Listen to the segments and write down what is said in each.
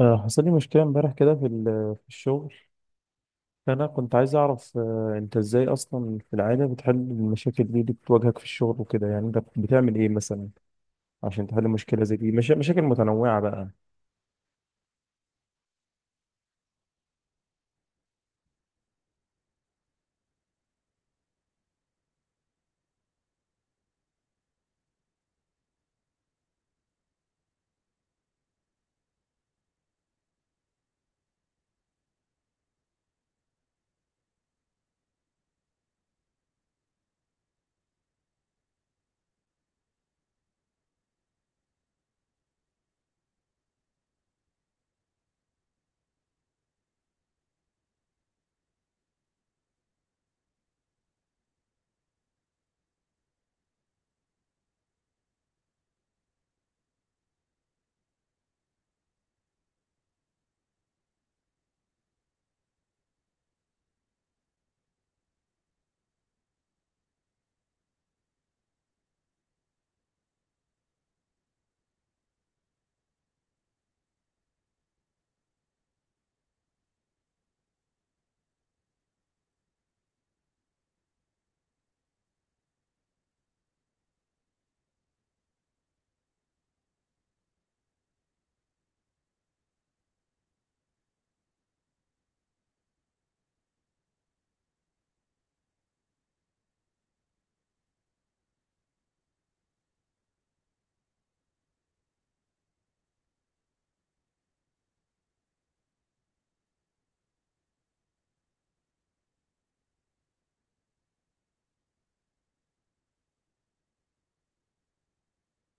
حصل لي مشكلة امبارح كده في الشغل. فأنا كنت عايز أعرف، أنت إزاي أصلا في العادة بتحل المشاكل دي اللي بتواجهك في الشغل وكده، يعني أنت بتعمل إيه مثلا عشان تحل مشكلة زي دي؟ مشاكل متنوعة بقى.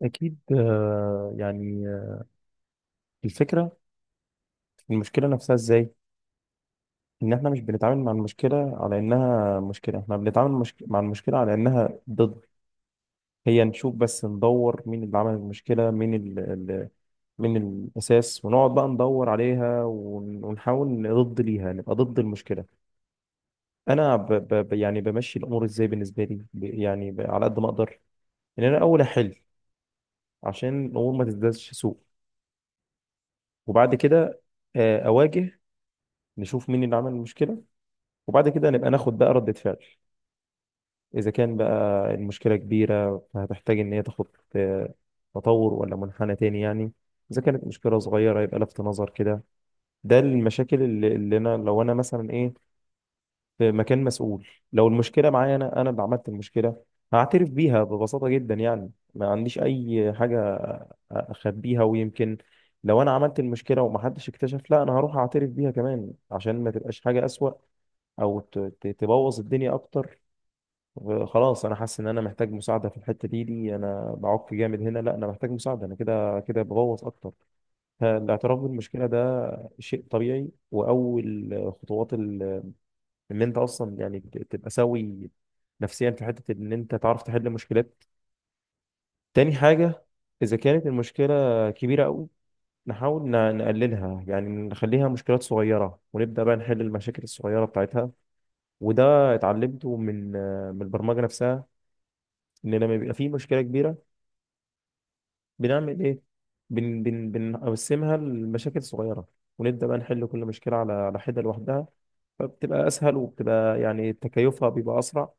أكيد، الفكرة في المشكلة نفسها إزاي، إن إحنا مش بنتعامل مع المشكلة على إنها مشكلة، إحنا بنتعامل مع المشكلة على إنها ضد. هي نشوف بس، ندور مين اللي عمل المشكلة، مين ال ال مين الأساس، ونقعد بقى ندور عليها ونحاول ضد ليها، نبقى ضد المشكلة. أنا يعني بمشي الأمور إزاي بالنسبة لي، على قد ما أقدر إن أنا أول أحل، عشان الأمور ما تزدادش سوء. وبعد كده أواجه، نشوف مين اللي عمل المشكلة، وبعد كده نبقى ناخد بقى ردة فعل. إذا كان بقى المشكلة كبيرة، فهتحتاج إن هي تاخد آه، تطور ولا منحنى تاني يعني. إذا كانت مشكلة صغيرة، يبقى لفت نظر كده. ده المشاكل اللي أنا، لو أنا مثلا إيه في مكان مسؤول، لو المشكلة معايا، أنا أنا اللي عملت المشكلة، هعترف بيها ببساطة جدا، يعني ما عنديش أي حاجة أخبيها. ويمكن لو أنا عملت المشكلة ومحدش اكتشف، لا، أنا هروح أعترف بيها كمان، عشان ما تبقاش حاجة أسوأ أو تبوظ الدنيا أكتر. خلاص، انا حاسس ان انا محتاج مساعده في الحته دي، انا بعك جامد هنا، لا، انا محتاج مساعده، انا كده كده بغوص اكتر. فالاعتراف بالمشكله ده شيء طبيعي، واول خطوات ان انت اصلا يعني تبقى سوي نفسيا، في حته ان انت تعرف تحل مشكلات. تاني حاجه، اذا كانت المشكله كبيره قوي، نحاول نقللها، يعني نخليها مشكلات صغيره ونبدا بقى نحل المشاكل الصغيره بتاعتها. وده اتعلمته من البرمجه نفسها، ان لما بيبقى في مشكله كبيره بنعمل ايه؟ بن بن بنقسمها لمشاكل صغيره، ونبدا بقى نحل كل مشكله على حده لوحدها. فبتبقى اسهل، وبتبقى يعني تكيفها بيبقى اسرع،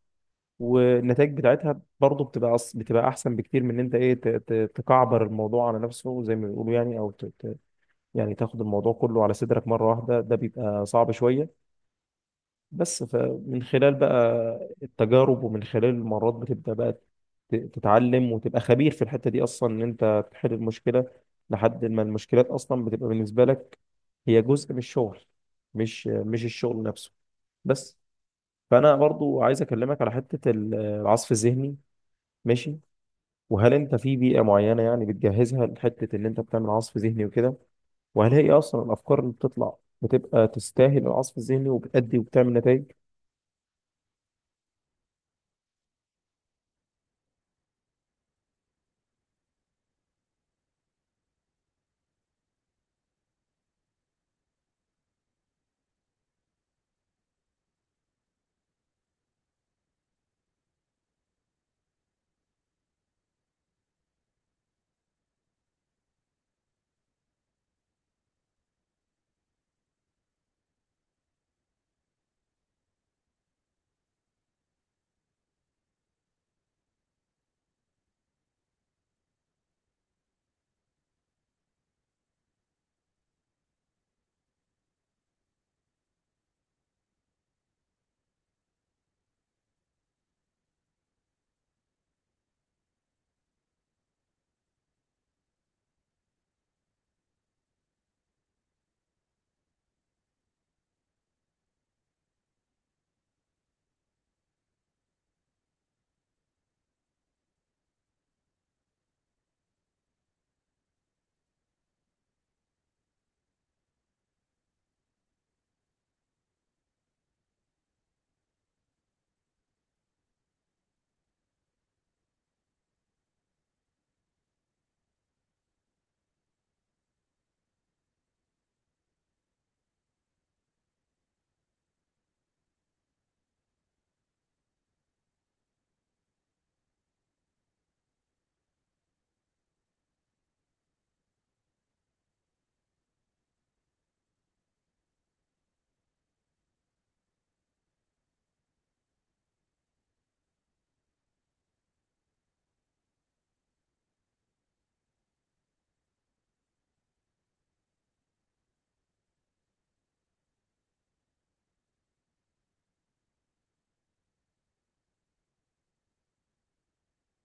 والنتائج بتاعتها برضه بتبقى بتبقى احسن بكتير من ان انت ايه تكعبر الموضوع على نفسه زي ما بيقولوا يعني، او يعني تاخد الموضوع كله على صدرك مره واحده، ده بيبقى صعب شويه. بس فمن خلال بقى التجارب ومن خلال المرات، بتبدأ بقى تتعلم وتبقى خبير في الحتة دي، أصلا إن أنت تحل المشكلة، لحد ما المشكلات أصلا بتبقى بالنسبة لك هي جزء من الشغل، مش الشغل نفسه. بس، فأنا برضو عايز أكلمك على حتة العصف الذهني. ماشي، وهل أنت في بيئة معينة يعني بتجهزها لحتة إن أنت بتعمل عصف ذهني وكده؟ وهل هي أصلا الأفكار اللي بتطلع بتبقى تستاهل العصف الذهني وبتأدي وبتعمل نتائج؟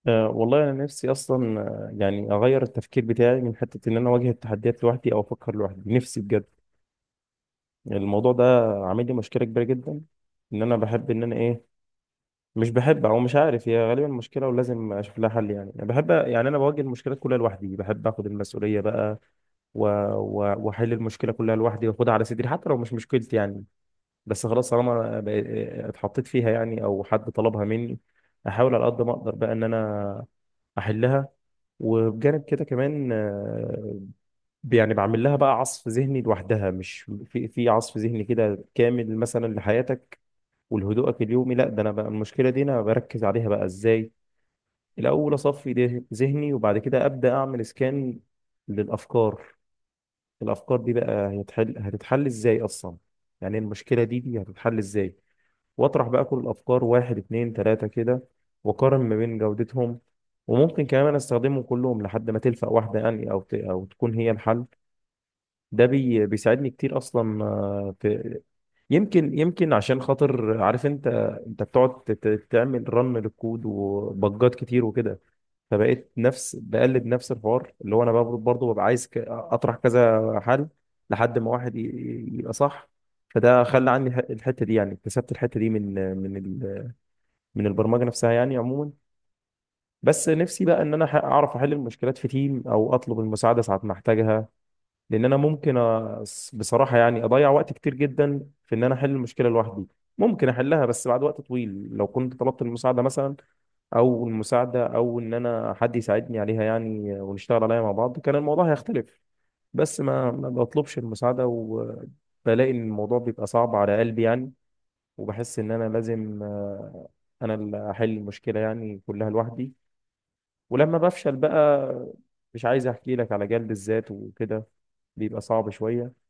أه والله، انا نفسي اصلا، يعني اغير التفكير بتاعي من حته ان انا اواجه التحديات لوحدي او افكر لوحدي، نفسي بجد. الموضوع ده عامل لي مشكله كبيره جدا، ان انا بحب ان انا ايه، مش بحب، او مش عارف هي غالبا مشكله ولازم اشوف لها حل. يعني أنا بحب، يعني انا بواجه المشكلات كلها لوحدي، بحب اخد المسؤوليه بقى، و- واحل المشكله كلها لوحدي واخدها على صدري حتى لو مش مشكلتي يعني. بس خلاص، اتحطيت فيها يعني، او حد طلبها مني، احاول على قد ما اقدر بقى ان انا احلها. وبجانب كده كمان، يعني بعمل لها بقى عصف ذهني لوحدها، مش في عصف ذهني كده كامل مثلا لحياتك ولهدوءك اليومي، لا، ده انا بقى المشكله دي انا بركز عليها بقى ازاي. الاول اصفي ذهني، وبعد كده ابدا اعمل سكان للافكار. الافكار دي بقى هتحل، هتتحل ازاي اصلا، يعني المشكله دي هتتحل ازاي؟ واطرح بقى كل الافكار، واحد اتنين تلاتة كده، واقارن ما بين جودتهم. وممكن كمان استخدمهم كلهم لحد ما تلفق واحدة يعني، او او تكون هي الحل. ده بيساعدني كتير اصلا، في يمكن، عشان خاطر عارف انت، انت بتقعد تعمل رن للكود وبجات كتير وكده، فبقيت نفس، بقلد نفس الحوار، اللي هو انا برضه ببقى عايز اطرح كذا حل لحد ما واحد يبقى صح. فده خلى عني الحتة دي، يعني اكتسبت الحتة دي من البرمجه نفسها يعني عموما. بس نفسي بقى ان انا اعرف احل المشكلات في تيم، او اطلب المساعده ساعه ما احتاجها. لان انا ممكن بصراحه يعني اضيع وقت كتير جدا في ان انا احل المشكله لوحدي. ممكن احلها بس بعد وقت طويل، لو كنت طلبت المساعده مثلا، او المساعده، او ان انا حد يساعدني عليها يعني، ونشتغل عليها مع بعض، كان الموضوع هيختلف. بس ما بطلبش المساعده، وبلاقي ان الموضوع بيبقى صعب على قلبي يعني. وبحس ان انا لازم، انا اللي احل المشكله يعني كلها لوحدي. ولما بفشل بقى، مش عايز احكي لك على جلد الذات وكده، بيبقى صعب شويه.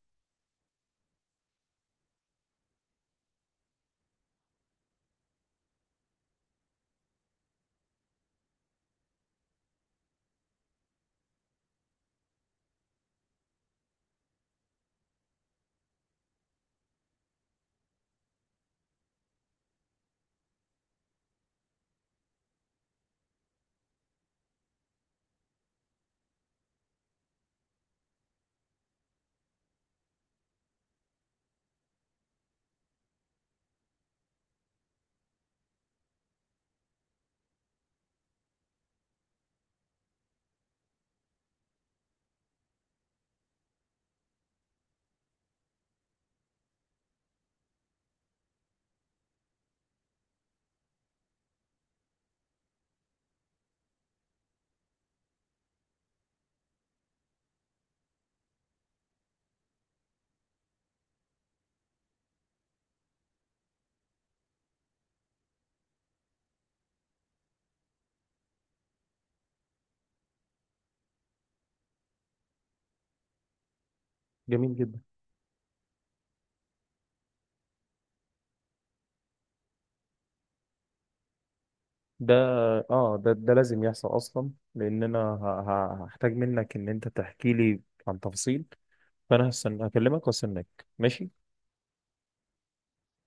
جميل جدا. ده اه، ده لازم يحصل اصلا، لان انا هحتاج منك ان انت تحكي لي عن تفاصيل. فانا هستنى اكلمك واستناك، ماشي.